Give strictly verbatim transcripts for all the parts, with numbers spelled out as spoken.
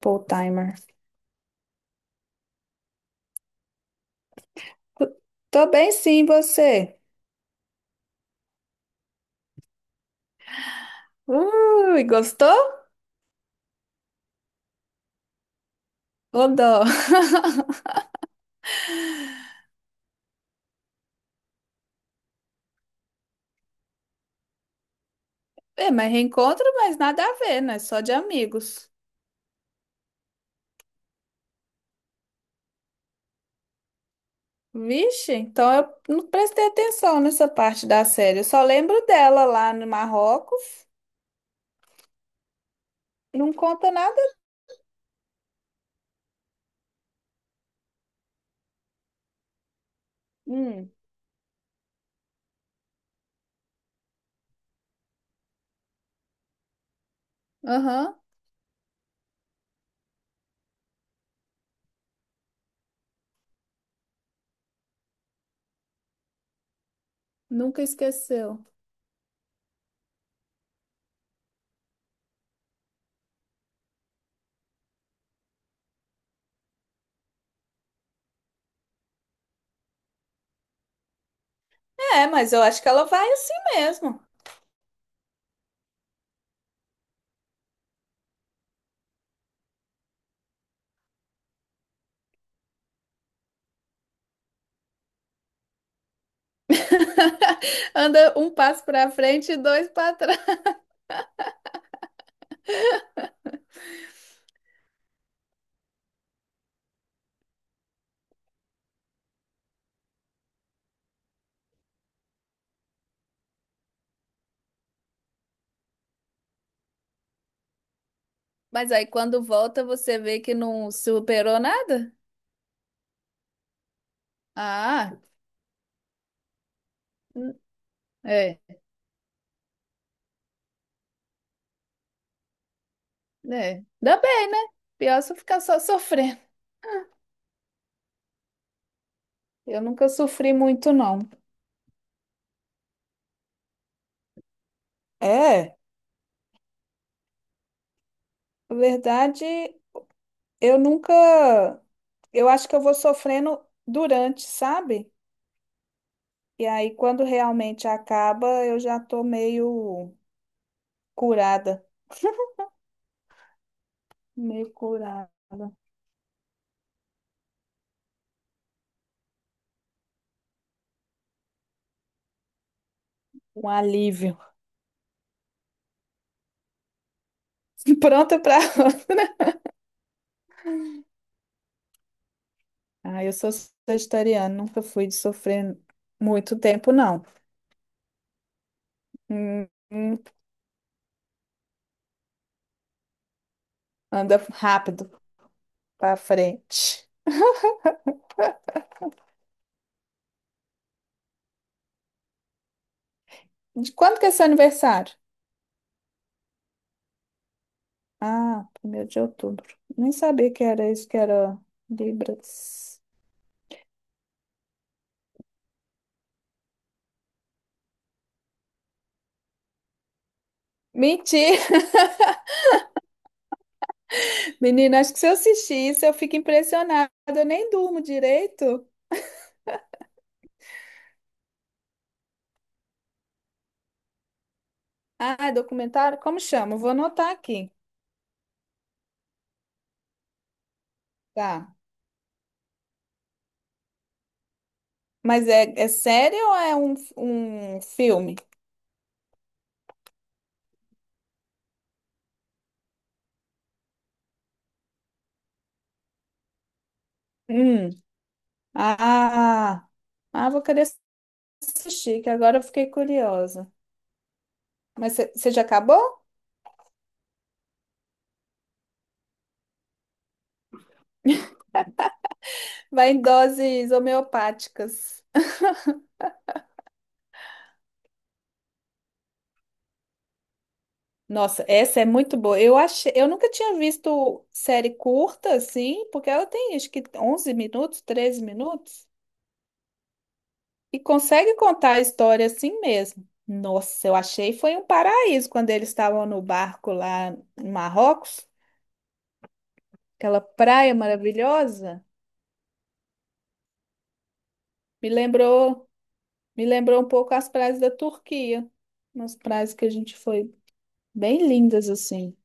Full timer. Tô bem sim, você. Ui, gostou? Ô dó. É, mas reencontro, mas nada a ver, né? Só de amigos. Vixe, então eu não prestei atenção nessa parte da série. Eu só lembro dela lá no Marrocos. Não conta nada. Hum. Aham, nunca esqueceu. É, mas eu acho que ela vai assim mesmo. Anda um passo pra frente e dois pra trás. Mas aí quando volta, você vê que não superou nada? Ah, é, é. Dá bem, né? Pior se eu ficar só sofrendo. Eu nunca sofri muito, não. É, na verdade, eu nunca. Eu acho que eu vou sofrendo durante, sabe? E aí, quando realmente acaba, eu já tô meio curada. Meio curada. Um alívio. Pronta pra. Ah, eu sou vegetariana, nunca fui de sofrer muito tempo, não. Hum, hum, anda rápido pra frente. De quando que é seu aniversário? Ah, primeiro de outubro. Nem sabia que era isso, que era Libras. Mentira! Menina, acho que se eu assistir isso, eu fico impressionada. Eu nem durmo direito. Ah, documentário? Como chama? Vou anotar aqui. Tá. Mas é, é série ou é um, um filme? Hum. Ah, ah, vou querer assistir, que agora eu fiquei curiosa. Mas você já acabou? Vai em doses homeopáticas. Nossa, essa é muito boa. Eu achei, eu nunca tinha visto série curta assim, porque ela tem acho que onze minutos, treze minutos e consegue contar a história assim mesmo. Nossa, eu achei foi um paraíso quando eles estavam no barco lá em Marrocos, aquela praia maravilhosa. Me lembrou, me lembrou um pouco as praias da Turquia, umas praias que a gente foi bem lindas assim.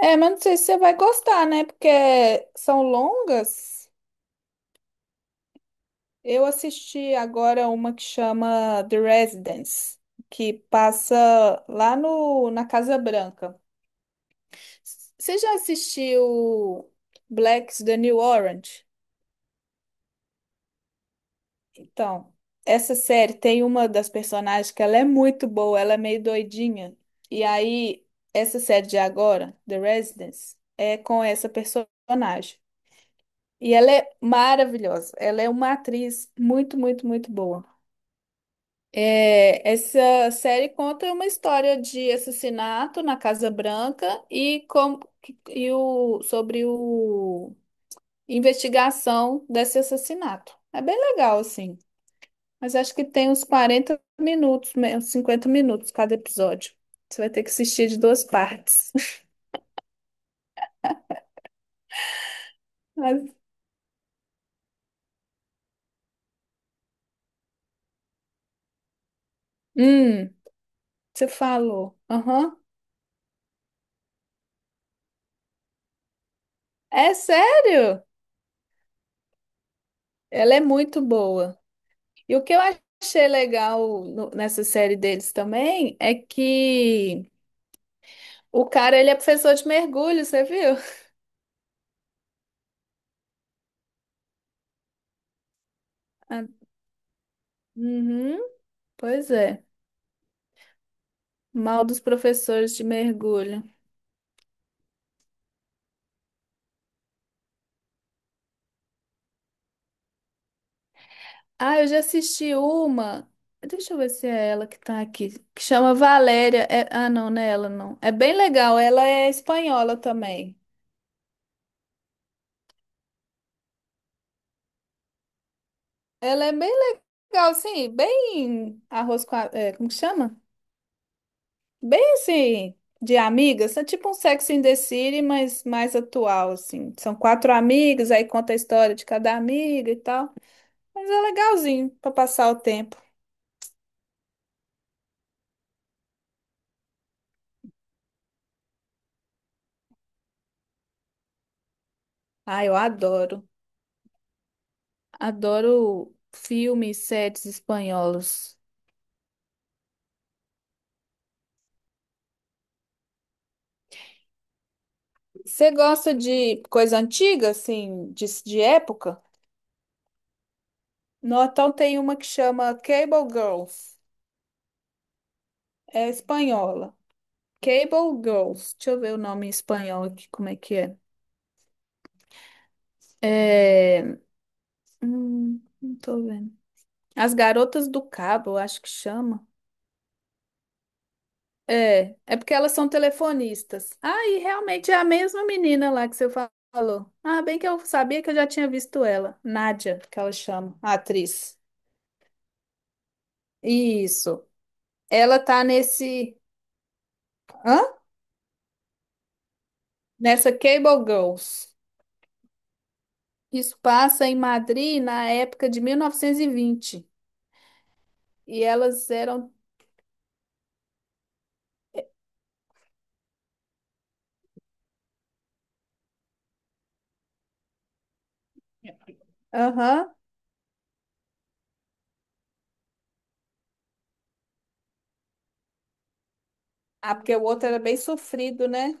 É, mas não sei se você vai gostar, né? Porque são longas. Eu assisti agora uma que chama The Residence, que passa lá no, na Casa Branca. Você já assistiu Black's The New Orange? Então, essa série tem uma das personagens que ela é muito boa, ela é meio doidinha. E aí, essa série de agora, The Residence, é com essa personagem. E ela é maravilhosa. Ela é uma atriz muito, muito, muito boa. É, essa série conta uma história de assassinato na Casa Branca e, como, e o, sobre o investigação desse assassinato. É bem legal, assim. Mas acho que tem uns quarenta minutos, me- uns cinquenta minutos cada episódio. Você vai ter que assistir de duas partes. Mas, hum, você falou. Aham. É sério? Ela é muito boa. E o que eu achei legal no- nessa série deles também é que. O cara, ele é professor de mergulho, você viu? Ah, uhum, pois é. Mal dos professores de mergulho. Ah, eu já assisti uma. Deixa eu ver se é ela que tá aqui. Que chama Valéria. É- Ah, não, não é ela, não. É bem legal. Ela é espanhola também. Ela é bem legal, assim, bem arroz com a, é, como que chama? Bem assim, de amigas. É tipo um Sex in the City, mas mais atual, assim. São quatro amigas, aí conta a história de cada amiga e tal. Mas é legalzinho pra passar o tempo. Ah, eu adoro. Adoro filmes, séries espanholos. Você gosta de coisa antiga, assim, de, de época? No, então tem uma que chama Cable Girls. É espanhola. Cable Girls. Deixa eu ver o nome em espanhol aqui, como é que é. É... hum, não tô vendo. As Garotas do Cabo, eu acho que chama. É, é porque elas são telefonistas. Ah, e realmente é a mesma menina lá que você fa- falou. Ah, bem que eu sabia que eu já tinha visto ela. Nádia, que ela chama, a atriz. Isso. Ela tá nesse, hã? Nessa Cable Girls. Isso passa em Madrid na época de mil novecentos e vinte. E vinte. E elas eram, aham. Ah, porque o outro era bem sofrido, né?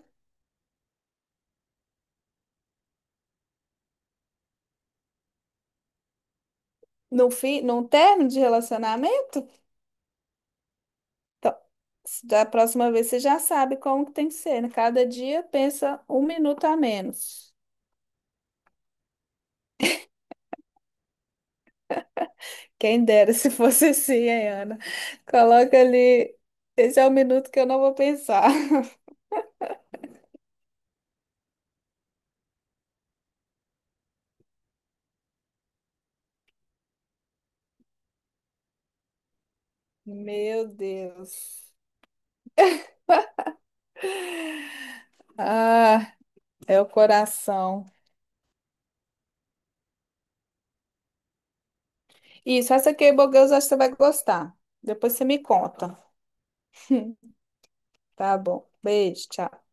No fim, num término de relacionamento? Então, se da próxima vez você já sabe como que tem que ser, né? Cada dia pensa um minuto a menos. Quem dera se fosse assim, hein, Ana? Coloca ali. Esse é o minuto que eu não vou pensar. Meu Deus. Ah, é o coração. Isso, essa aqui, Bogueus, acho que você vai gostar. Depois você me conta. Tá bom. Beijo, tchau.